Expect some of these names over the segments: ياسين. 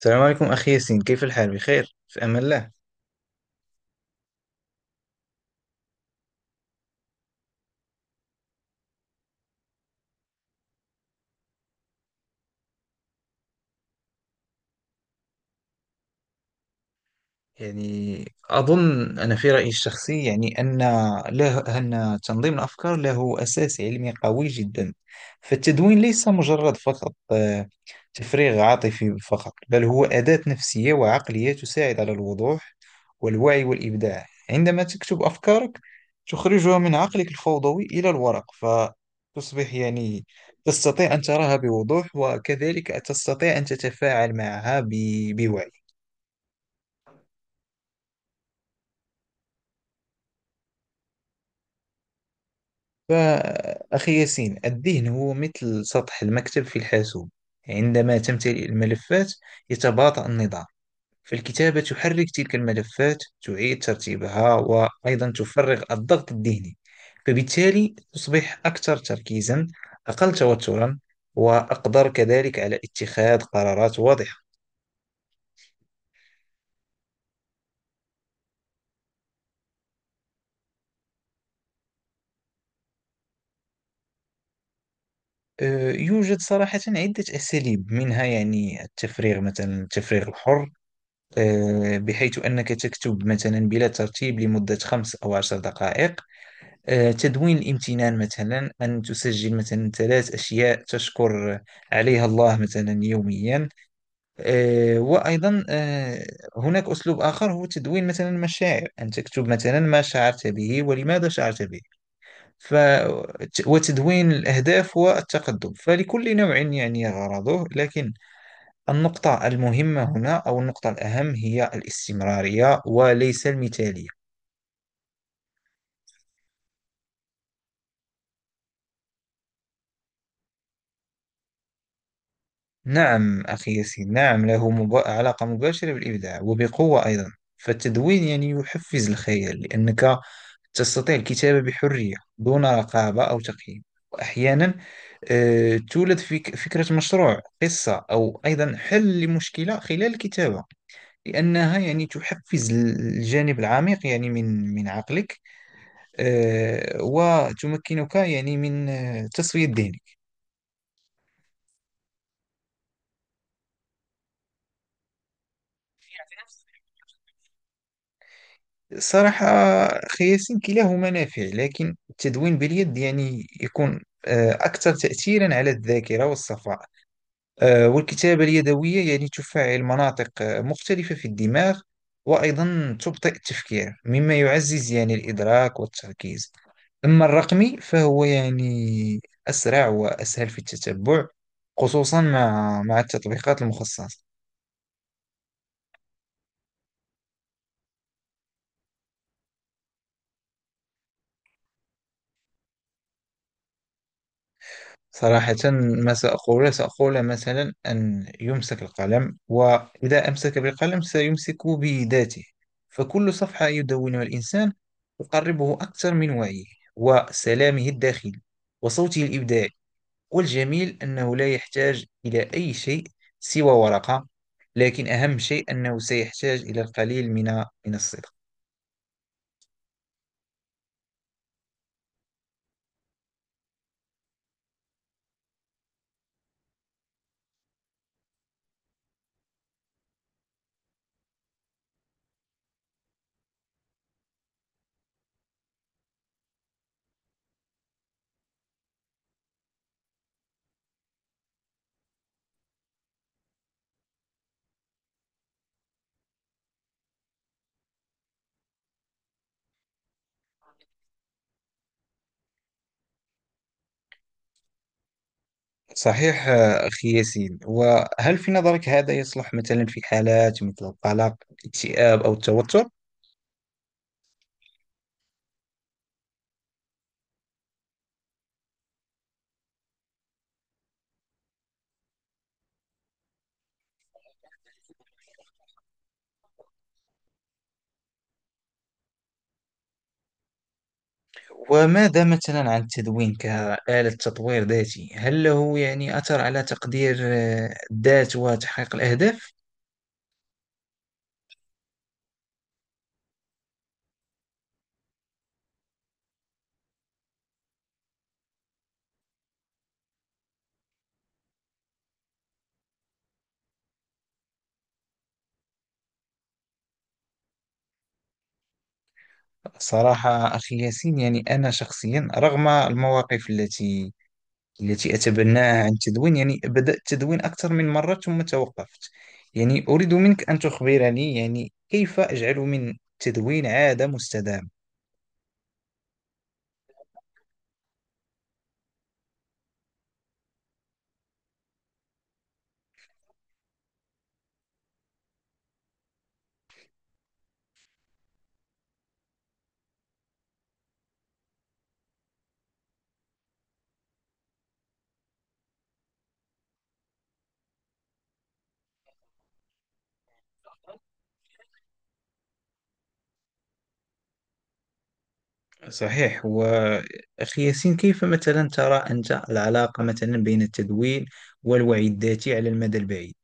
السلام عليكم أخي ياسين، كيف الحال؟ بخير في أمان الله. يعني أظن، أنا في رأيي الشخصي يعني أن له أن تنظيم الأفكار له أساس علمي قوي جدا. فالتدوين ليس مجرد فقط تفريغ عاطفي فقط، بل هو أداة نفسية وعقلية تساعد على الوضوح والوعي والإبداع. عندما تكتب أفكارك تخرجها من عقلك الفوضوي إلى الورق، فتصبح يعني تستطيع أن تراها بوضوح، وكذلك تستطيع أن تتفاعل معها بوعي. فأخي ياسين، الذهن هو مثل سطح المكتب في الحاسوب. عندما تمتلئ الملفات يتباطأ النظام، فالكتابة تحرك تلك الملفات، تعيد ترتيبها، وأيضا تفرغ الضغط الذهني. فبالتالي تصبح أكثر تركيزا، أقل توترا، وأقدر كذلك على اتخاذ قرارات واضحة. يوجد صراحة عدة أساليب، منها يعني التفريغ، مثلا التفريغ الحر، بحيث أنك تكتب مثلا بلا ترتيب لمدة 5 أو 10 دقائق. تدوين الامتنان، مثلا أن تسجل مثلا 3 أشياء تشكر عليها الله مثلا يوميا. آه، وأيضا آه، هناك أسلوب آخر هو تدوين مثلا المشاعر، أن تكتب مثلا ما شعرت به ولماذا شعرت به. ف... وتدوين الأهداف والتقدم، فلكل نوع يعني غرضه، لكن النقطة المهمة هنا أو النقطة الأهم هي الاستمرارية وليس المثالية. نعم أخي ياسين، نعم له علاقة مباشرة بالإبداع وبقوة أيضا. فالتدوين يعني يحفز الخيال لأنك تستطيع الكتابة بحرية دون رقابة أو تقييم. وأحيانا تولد فيك فكرة مشروع، قصة، أو أيضا حل لمشكلة خلال الكتابة، لأنها يعني تحفز الجانب العميق يعني من عقلك. وتمكنك يعني من تسوية ذهنك. صراحة أخي ياسين، كلاهما نافع، لكن التدوين باليد يعني يكون أكثر تأثيرا على الذاكرة والصفاء. والكتابة اليدوية يعني تفعل مناطق مختلفة في الدماغ، وأيضا تبطئ التفكير مما يعزز يعني الإدراك والتركيز. أما الرقمي فهو يعني أسرع وأسهل في التتبع، خصوصا مع التطبيقات المخصصة. صراحة، ما سأقول، سأقول مثلا أن يمسك القلم، وإذا أمسك بالقلم سيمسك بذاته. فكل صفحة يدونها الإنسان تقربه أكثر من وعيه، وسلامه الداخلي، وصوته الإبداعي. والجميل أنه لا يحتاج إلى أي شيء سوى ورقة، لكن أهم شيء أنه سيحتاج إلى القليل من الصدق. صحيح أخي ياسين، وهل في نظرك هذا يصلح مثلا في حالات مثل القلق، الاكتئاب، أو التوتر؟ وماذا مثلا عن التدوين كآلة تطوير ذاتي؟ هل له يعني أثر على تقدير الذات وتحقيق الأهداف؟ صراحة أخي ياسين، يعني أنا شخصيا رغم المواقف التي أتبناها عن التدوين، يعني بدأت التدوين أكثر من مرة ثم توقفت. يعني أريد منك أن تخبرني يعني كيف أجعل من التدوين عادة مستدامة. صحيح وأخي ياسين، كيف مثلا ترى أنت العلاقة مثلا بين التدوين والوعي الذاتي على المدى البعيد؟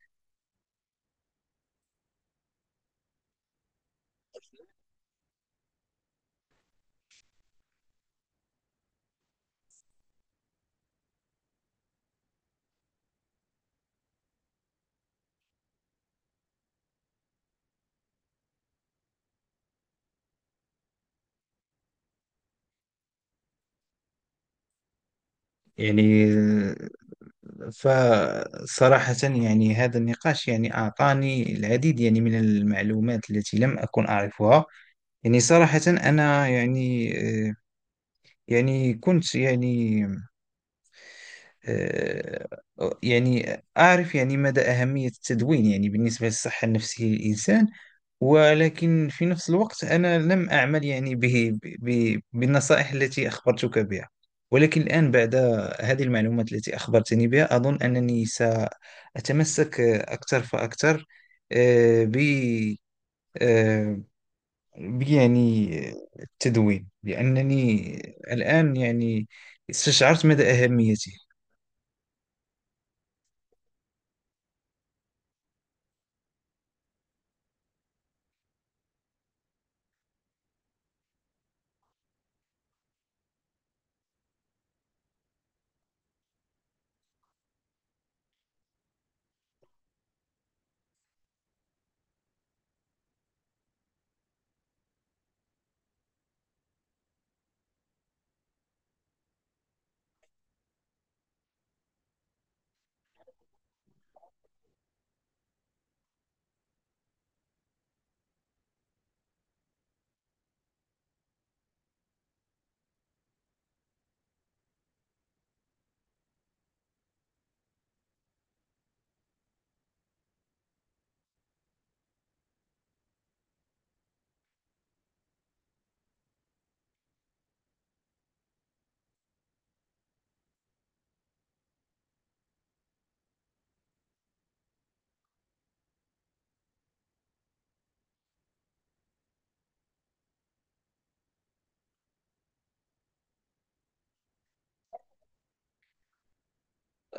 يعني فصراحة يعني هذا النقاش يعني أعطاني العديد يعني من المعلومات التي لم أكن أعرفها. يعني صراحة أنا يعني آه، يعني كنت يعني آه، يعني أعرف يعني مدى أهمية التدوين يعني بالنسبة للصحة النفسية للإنسان، ولكن في نفس الوقت أنا لم أعمل يعني به بالنصائح التي أخبرتك بها. ولكن الآن بعد هذه المعلومات التي أخبرتني بها أظن أنني سأتمسك أكثر فأكثر آه، ب آه، يعني التدوين، لأنني الآن يعني استشعرت مدى أهميته.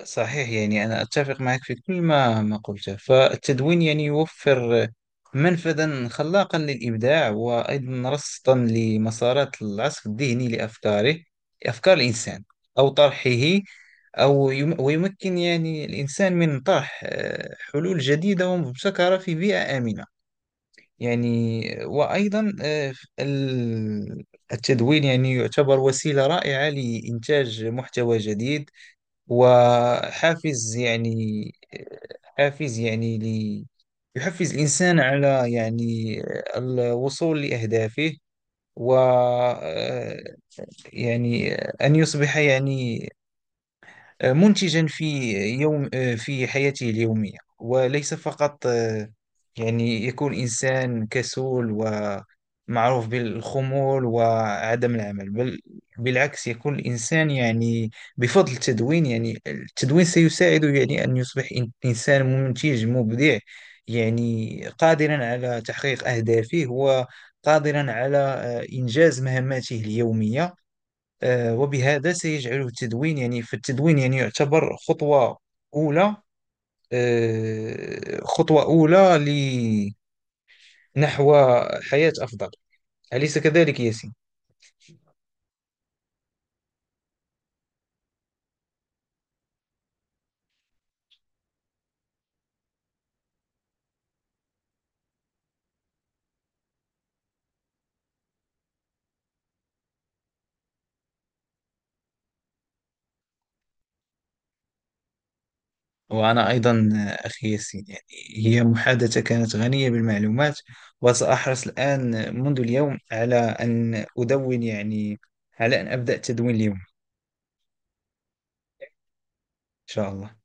صحيح، يعني أنا أتفق معك في كل ما قلته. فالتدوين يعني يوفر منفذا خلاقا للإبداع، وأيضا رصدا لمسارات العصف الذهني لأفكاره، أفكار الإنسان، أو طرحه. أو ويمكن يعني الإنسان من طرح حلول جديدة ومبتكرة في بيئة آمنة، يعني. وأيضا ال- التدوين يعني يعتبر وسيلة رائعة لإنتاج محتوى جديد، وحافز يعني، حافز يعني لي، يحفز الإنسان على يعني الوصول لأهدافه. و يعني أن يصبح يعني منتجا في يوم، في حياته اليومية، وليس فقط يعني يكون إنسان كسول ومعروف بالخمول وعدم العمل، بل بالعكس يكون الإنسان يعني بفضل التدوين، يعني التدوين سيساعده يعني أن يصبح إنسان منتج مبدع، يعني قادرا على تحقيق أهدافه وقادرا على إنجاز مهماته اليومية. وبهذا سيجعله التدوين يعني، فالتدوين يعني يعتبر خطوة أولى، خطوة أولى لنحو حياة أفضل. أليس كذلك ياسين؟ وأنا أيضا أخي ياسين، يعني هي محادثة كانت غنية بالمعلومات. وسأحرص الآن منذ اليوم على أن أدون، يعني على أن أبدأ تدوين اليوم إن شاء الله.